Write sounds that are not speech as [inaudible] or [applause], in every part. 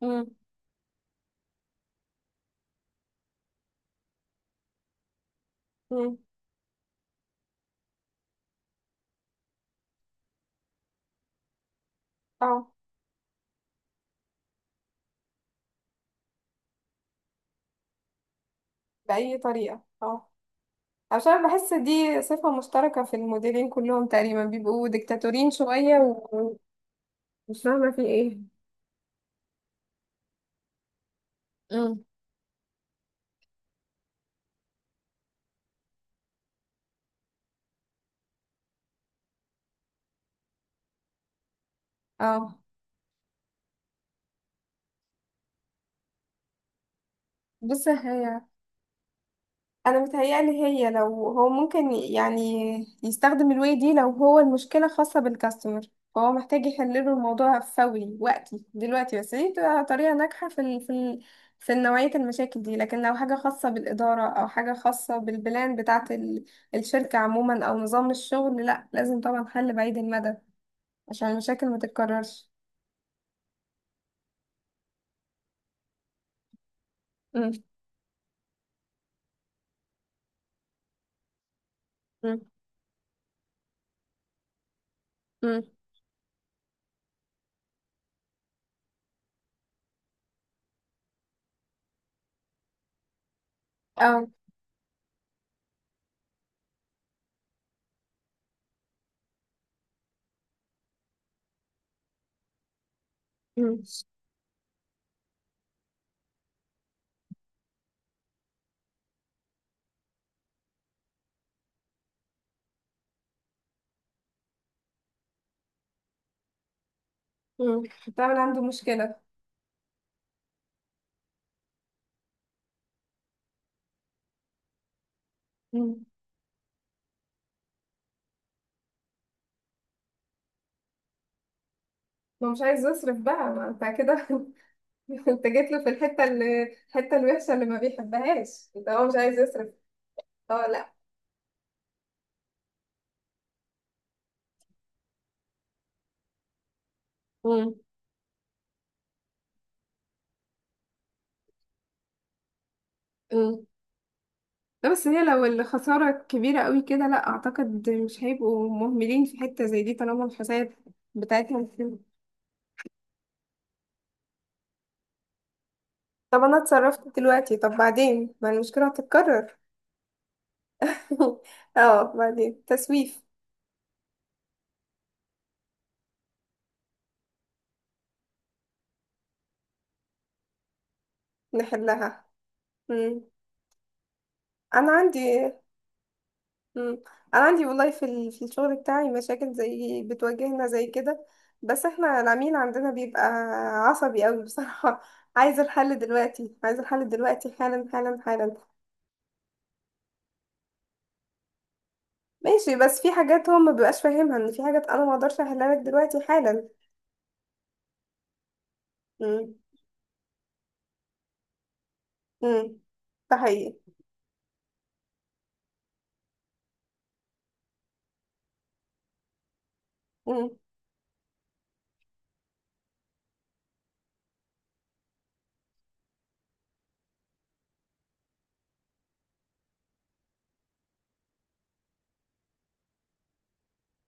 مم. مم. اه. بأي طريقة، اه. عشان بحس دي صفة مشتركة في المديرين كلهم تقريبا، بيبقوا ديكتاتورين شوية ومش فاهمة في ايه؟ مم. اه، بص، هي انا متهيألي هي لو هو ممكن يعني يستخدم الواي دي. لو هو المشكله خاصه بالكاستمر، فهو محتاج يحل له الموضوع فوري وقتي دلوقتي، بس دي بتبقى طريقه ناجحه في نوعيه المشاكل دي. لكن لو حاجه خاصه بالاداره او حاجه خاصه بالبلان بتاعه الشركه عموما او نظام الشغل، لا، لازم طبعا حل بعيد المدى عشان المشاكل ما تتكررش. امم. امم. امم. اه. امم. امم. طبعا عنده مشكله. امم. ما مش عايز يصرف بقى، ما انت كده. [laughs] [laughs] انت جيت له في الحته الوحشه اللي ما بيحبهاش، انت هو مش عايز يصرف. اه، لا. مم. مم. لا، بس هي لو الخسارة كبيرة قوي كده، لا أعتقد مش هيبقوا مهملين في حتة زي دي طالما الحساب بتاعتهم كده. طب انا اتصرفت دلوقتي، طب بعدين ما المشكله هتتكرر؟ [laughs] اه، بعدين تسويف. نحلها. مم. انا عندي. مم. انا عندي والله في الشغل بتاعي مشاكل زي بتواجهنا زي كده، بس احنا العميل عندنا بيبقى عصبي قوي بصراحة. [laughs] عايز الحل دلوقتي، عايز الحل دلوقتي، حالا حالا حالا. ماشي، بس في حاجات هو ما بيبقاش فاهمها، ان في حاجات انا ما اقدرش احلها لك دلوقتي حالا. مم. مم. ده حقيقي. مم.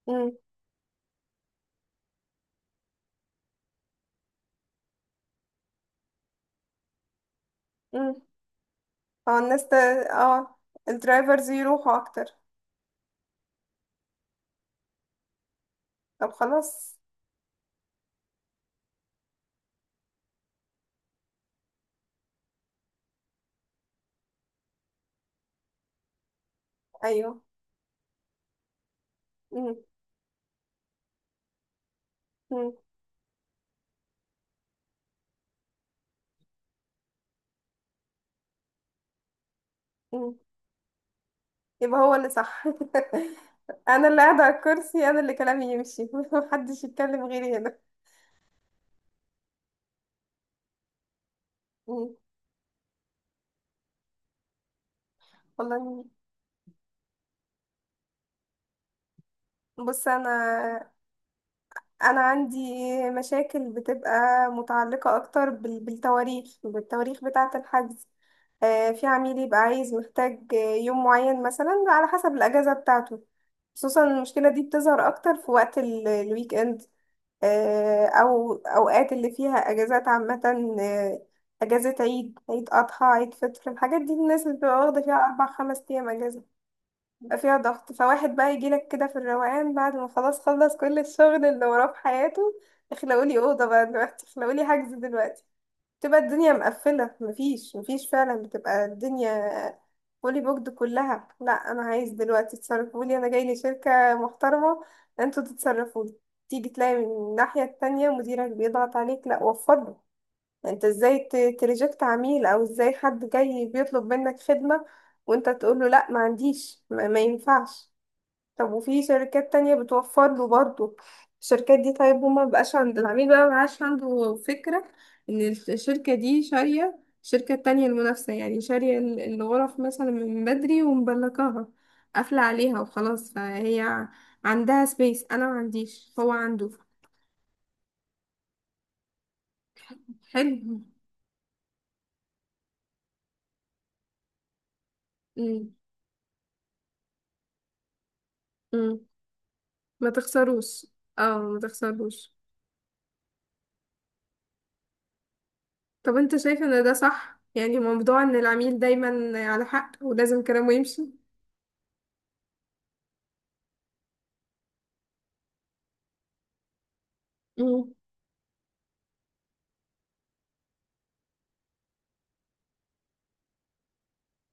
مم. مم. اه، الدرايفرز يروحوا اكتر. طب خلاص. ايوه. مم. مم. يبقى هو اللي صح. [laughs] انا اللي قاعده على الكرسي، انا اللي كلامي يمشي. [laughs] محدش يتكلم غيري هنا. مم. والله. بص انا. انا عندي مشاكل بتبقى متعلقه اكتر بالتواريخ بتاعه الحجز. في عميل يبقى عايز محتاج يوم معين مثلا على حسب الاجازه بتاعته. خصوصا المشكله دي بتظهر اكتر في وقت الويك اند. أو أوقات اللي فيها أجازات عامة. آه، أجازة عيد، عيد أضحى، عيد فطر، الحاجات دي الناس اللي بتبقى واخدة فيها 4 5 أيام أجازة. بيبقى فيها ضغط، فواحد بقى يجيلك كده في الروقان بعد ما خلاص خلص كل الشغل اللي وراه في حياته: اخلقولي أوضة بقى دلوقتي، اخلقولي حجز دلوقتي. تبقى الدنيا مقفلة، مفيش مفيش فعلا، بتبقى الدنيا فولي بوكد كلها. لا، انا عايز دلوقتي، تصرفولي، انا جاي لي شركة محترمة، انتوا تتصرفولي. تيجي تلاقي من الناحية التانية مديرك بيضغط عليك، لا وفضله، انت ازاي تريجكت عميل، او ازاي حد جاي بيطلب منك خدمة وانت تقول له لا ما عنديش، ما ينفعش. طب وفي شركات تانية بتوفر له برضه. الشركات دي، طيب هو ما بقاش عند العميل بقى ما بقاش عنده فكرة ان الشركة دي شارية. الشركة التانية المنافسة يعني شارية الغرف مثلا من بدري ومبلكاها قافلة عليها وخلاص، فهي عندها سبيس، انا ما عنديش، هو عنده. حلو. مم. مم. ما تخسروش. اه، ما تخسروش. طب انت شايف ان ده صح يعني، موضوع ان العميل دايما على حق ولازم كلامه يمشي؟ مم.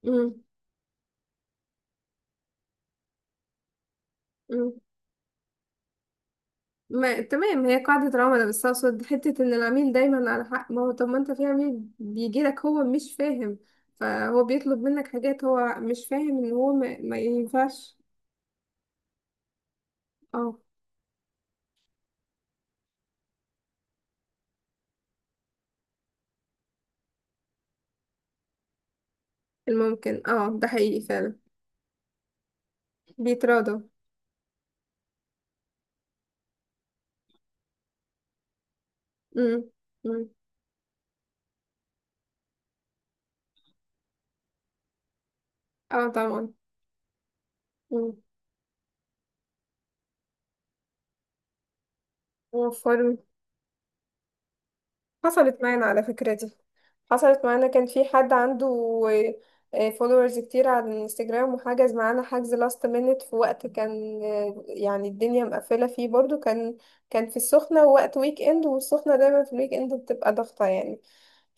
مم. مم. ما تمام، هي قاعدة العملاء، بس أقصد حتة إن العميل دايما على حق. ما هو طب ما أنت في عميل بيجيلك هو مش فاهم، فهو بيطلب منك حاجات هو مش فاهم إن هو ما ينفعش. اه، الممكن، اه، ده حقيقي فعلا. بيتراضوا. مم. مم. اه، طبعا. مم. وفروا. حصلت معانا على فكرة دي. حصلت معانا، كان في حد عنده فولورز كتير على الانستجرام وحجز معانا حجز لاست مينت، في وقت كان يعني الدنيا مقفلة فيه برضو. كان كان في السخنة، وقت ويك اند، والسخنة دايما في الويك اند بتبقى ضغطة يعني.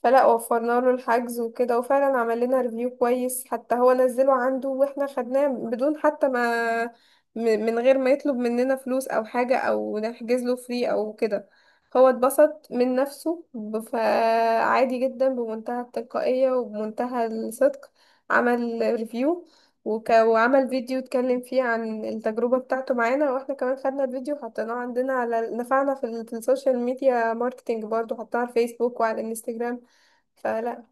فلا، وفرنا له الحجز وكده، وفعلا عمل لنا ريفيو كويس حتى، هو نزله عنده واحنا خدناه بدون حتى ما م- من غير ما يطلب مننا فلوس او حاجة او نحجز له فري او كده. هو اتبسط من نفسه، فعادي جدا، بمنتهى التلقائية وبمنتهى الصدق عمل ريفيو. وعمل فيديو اتكلم فيه عن التجربة بتاعته معانا، واحنا كمان خدنا الفيديو وحطيناه عندنا، على نفعنا في السوشيال ميديا ماركتينج برضه، حطيناه على الفيسبوك وعلى الانستجرام. فلا.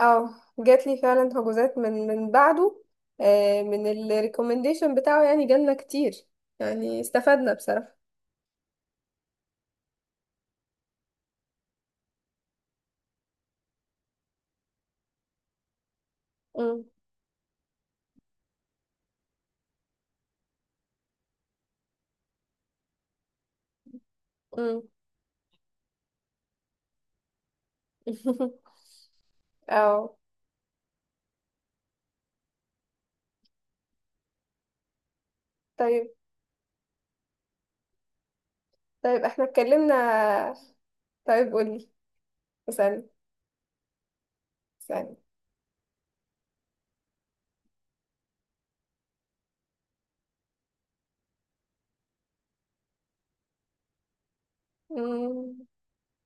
اه، جات لي فعلا هجوزات من بعده. من الريكومنديشن بتاعه يعني، جالنا كتير. يعني استفدنا بصراحة. امم. [laughs] امم. اه. طيب. طيب احنا اتكلمنا. طيب قولي. اسألني. اسألني. مم،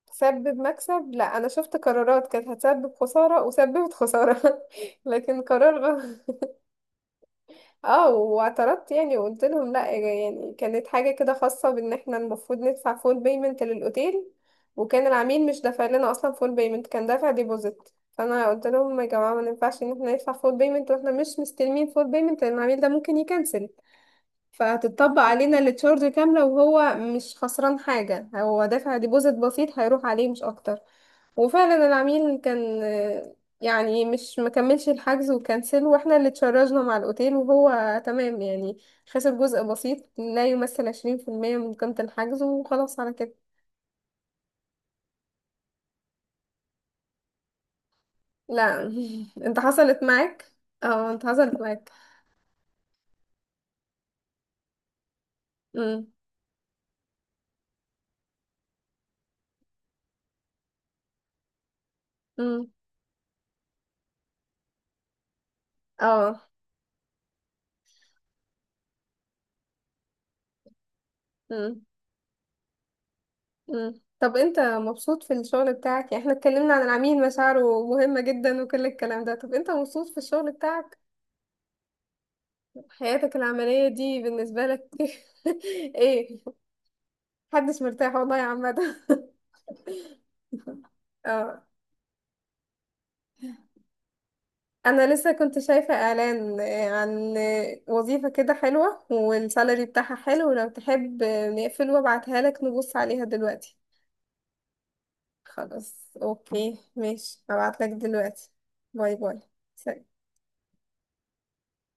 تسبب مكسب، لا، انا شفت قرارات كانت هتسبب خسارة وسببت خسارة. [laughs] لكن قرار غلط. اه، واعترضت يعني، وقلت لهم لا، يعني كانت حاجة كده خاصة بان احنا المفروض ندفع فول بيمنت للاوتيل، وكان العميل مش دافع لنا اصلا فول بيمنت، كان دافع ديبوزيت. فانا قلت لهم يا جماعة ما ينفعش ان احنا ندفع فول بيمنت واحنا مش مستلمين فول بيمنت، لان العميل ده ممكن يكنسل، فهتطبق علينا التشارج كاملة وهو مش خسران حاجة، هو دافع ديبوزيت بسيط هيروح عليه مش أكتر. وفعلا العميل كان، يعني مش مكملش الحجز وكنسل، واحنا اللي تشرجنا مع الأوتيل، وهو تمام يعني، خسر جزء بسيط لا يمثل 20% من قيمة الحجز، وخلاص على كده. لا. [laughs] انت حصلت معاك. اه، انت حصلت معاك. امم. امم. اه. مم. طب انت مبسوط في الشغل بتاعك؟ يعني احنا اتكلمنا عن العميل، مشاعره مهمة جدا وكل الكلام ده، طب انت مبسوط في الشغل بتاعك؟ حياتك العملية دي بالنسبة لك؟ [laughs] ايه؟ محدش مرتاح والله يا عمدا. [laughs] اه. انا لسه كنت شايفة اعلان، عن وظيفة كده حلوة والسالري بتاعها حلو. لو تحب، نقفل وابعتها لك، نبص عليها دلوقتي. خلاص، اوكي، ماشي، هبعت لك دلوقتي. باي باي. سلام.